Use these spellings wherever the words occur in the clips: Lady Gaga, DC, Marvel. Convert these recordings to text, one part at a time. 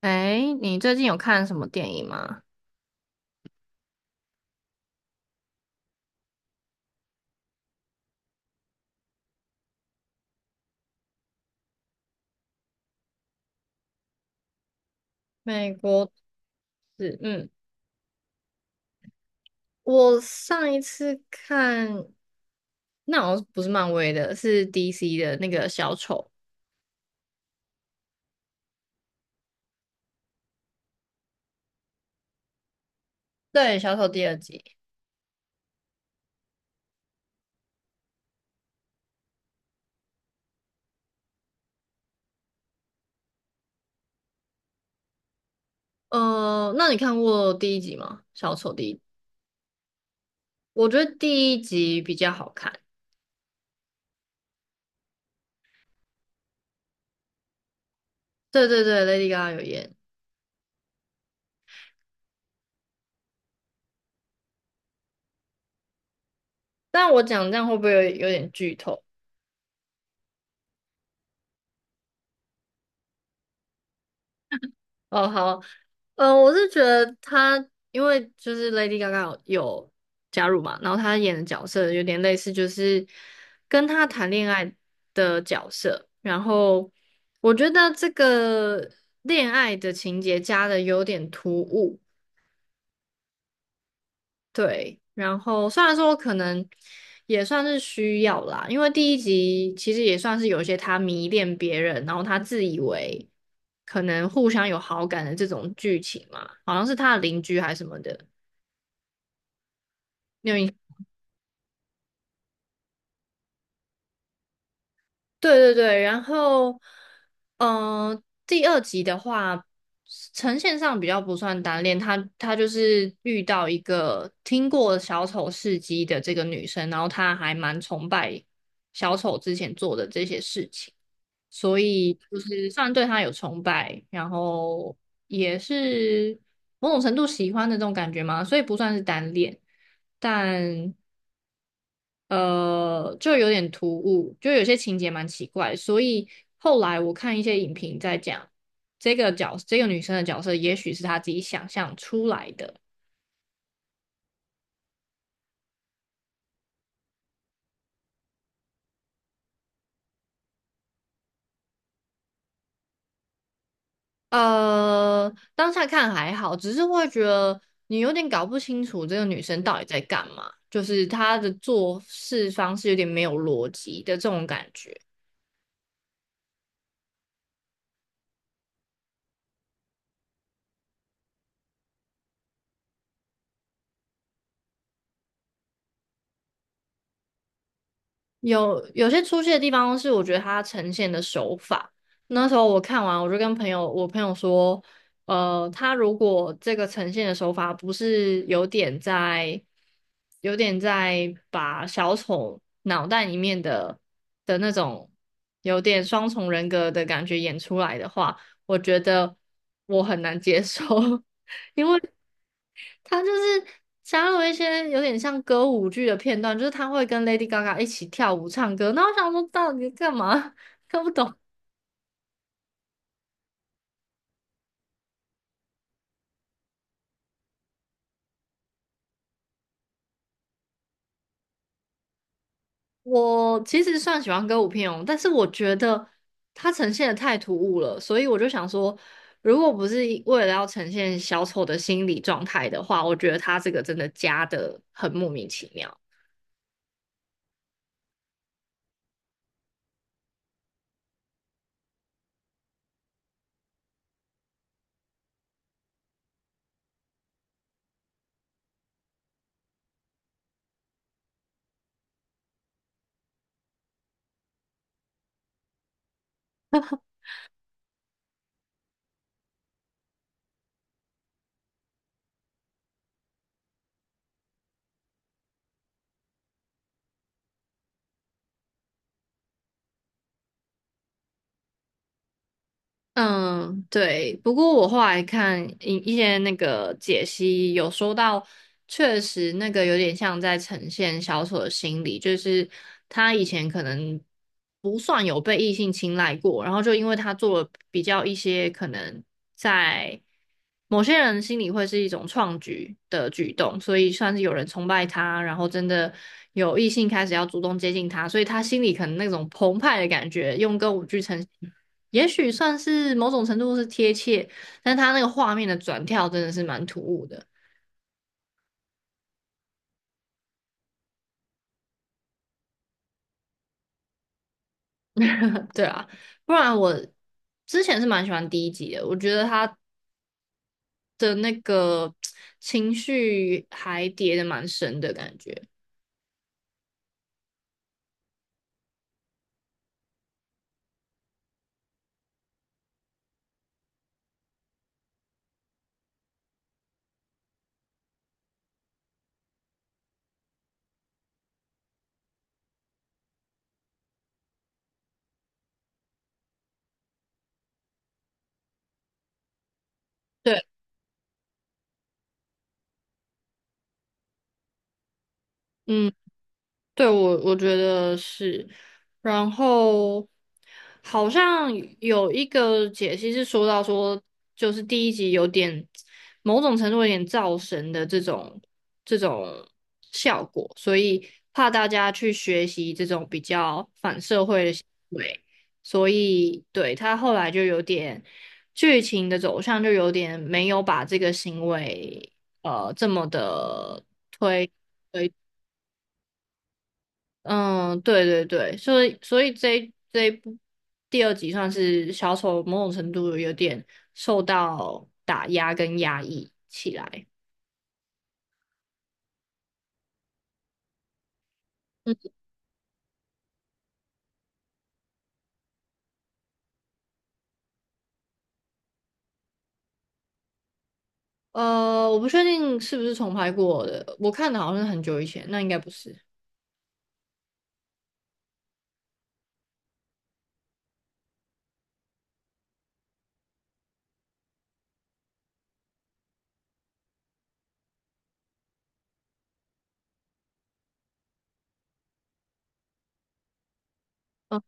哎，你最近有看什么电影吗？美国是，嗯，我上一次看，那好像不是漫威的，是 DC 的那个小丑，对，小丑第二集。那你看过第一集吗？小丑第一，我觉得第一集比较好看。对对对，Lady Gaga 有演，但我讲这样会不会有点剧透？哦，好，我是觉得他，因为就是 Lady Gaga 有加入嘛，然后她演的角色有点类似，就是跟她谈恋爱的角色。然后我觉得这个恋爱的情节加的有点突兀。对，然后虽然说我可能也算是需要啦，因为第一集其实也算是有一些他迷恋别人，然后他自以为可能互相有好感的这种剧情嘛，好像是他的邻居还是什么的，你有印对对对，然后，嗯、第二集的话，呈现上比较不算单恋，她就是遇到一个听过小丑事迹的这个女生，然后她还蛮崇拜小丑之前做的这些事情，所以就是算对她有崇拜，然后也是某种程度喜欢的这种感觉嘛，所以不算是单恋。但就有点突兀，就有些情节蛮奇怪，所以后来我看一些影评在讲这个角，这个女生的角色，也许是她自己想象出来的。当下看还好，只是会觉得你有点搞不清楚这个女生到底在干嘛，就是她的做事方式有点没有逻辑的这种感觉。有些出戏的地方是我觉得他呈现的手法。那时候我看完，我就跟朋友，我朋友说，他如果这个呈现的手法不是有点在，有点在把小丑脑袋里面的那种有点双重人格的感觉演出来的话，我觉得我很难接受。因为他就是加入一些有点像歌舞剧的片段，就是他会跟 Lady Gaga 一起跳舞唱歌。那我想说，到底干嘛？看不懂。我其实算喜欢歌舞片哦，但是我觉得它呈现的太突兀了，所以我就想说，如果不是一为了要呈现小丑的心理状态的话，我觉得他这个真的加的很莫名其妙。嗯，对。不过我后来看一些那个解析，有说到，确实那个有点像在呈现小丑的心理，就是他以前可能不算有被异性青睐过，然后就因为他做了比较一些可能在某些人心里会是一种创举的举动，所以算是有人崇拜他，然后真的有异性开始要主动接近他，所以他心里可能那种澎湃的感觉，用歌舞剧呈现。也许算是某种程度是贴切，但他那个画面的转跳真的是蛮突兀的。对啊，不然我之前是蛮喜欢第一集的，我觉得他的那个情绪还叠的蛮深的感觉。对，嗯。对，我我觉得是，然后好像有一个解析是说到说，就是第一集有点某种程度有点造神的这种效果，所以怕大家去学习这种比较反社会的行为，所以对他后来就有点剧情的走向就有点没有把这个行为这么的。推嗯，对对对，所以这一部第二集算是小丑某种程度有点受到打压跟压抑起来。嗯，我不确定是不是重拍过的，我看的好像是很久以前，那应该不是。哦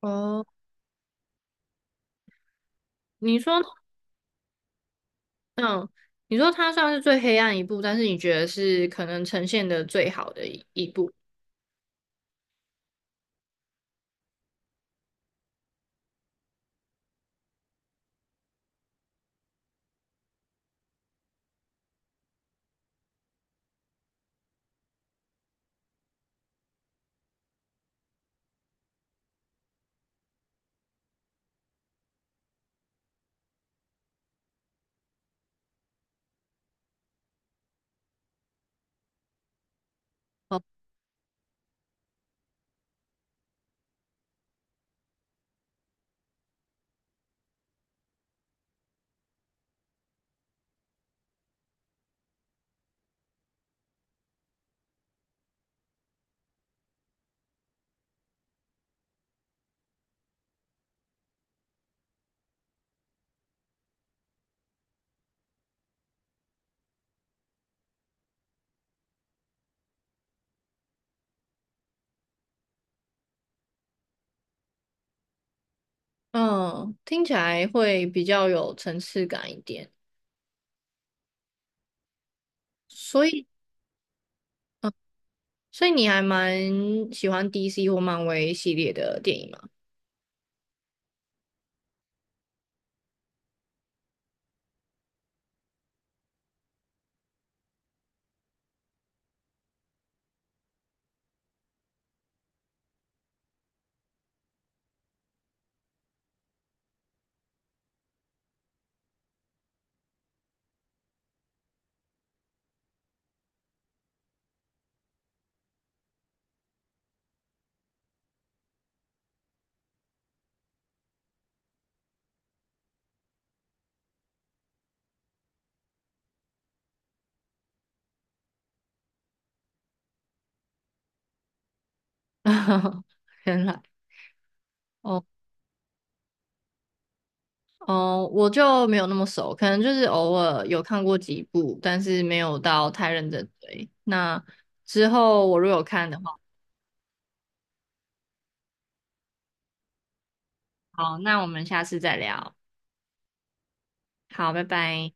哦，你说，嗯，你说它算是最黑暗一部，但是你觉得是可能呈现的最好的一部，哦嗯，听起来会比较有层次感一点。所以所以你还蛮喜欢 DC 或漫威系列的电影吗？原来哦哦，我就没有那么熟，可能就是偶尔有看过几部，但是没有到太认真追。那之后我如果有看的话，好，那我们下次再聊。好，拜拜。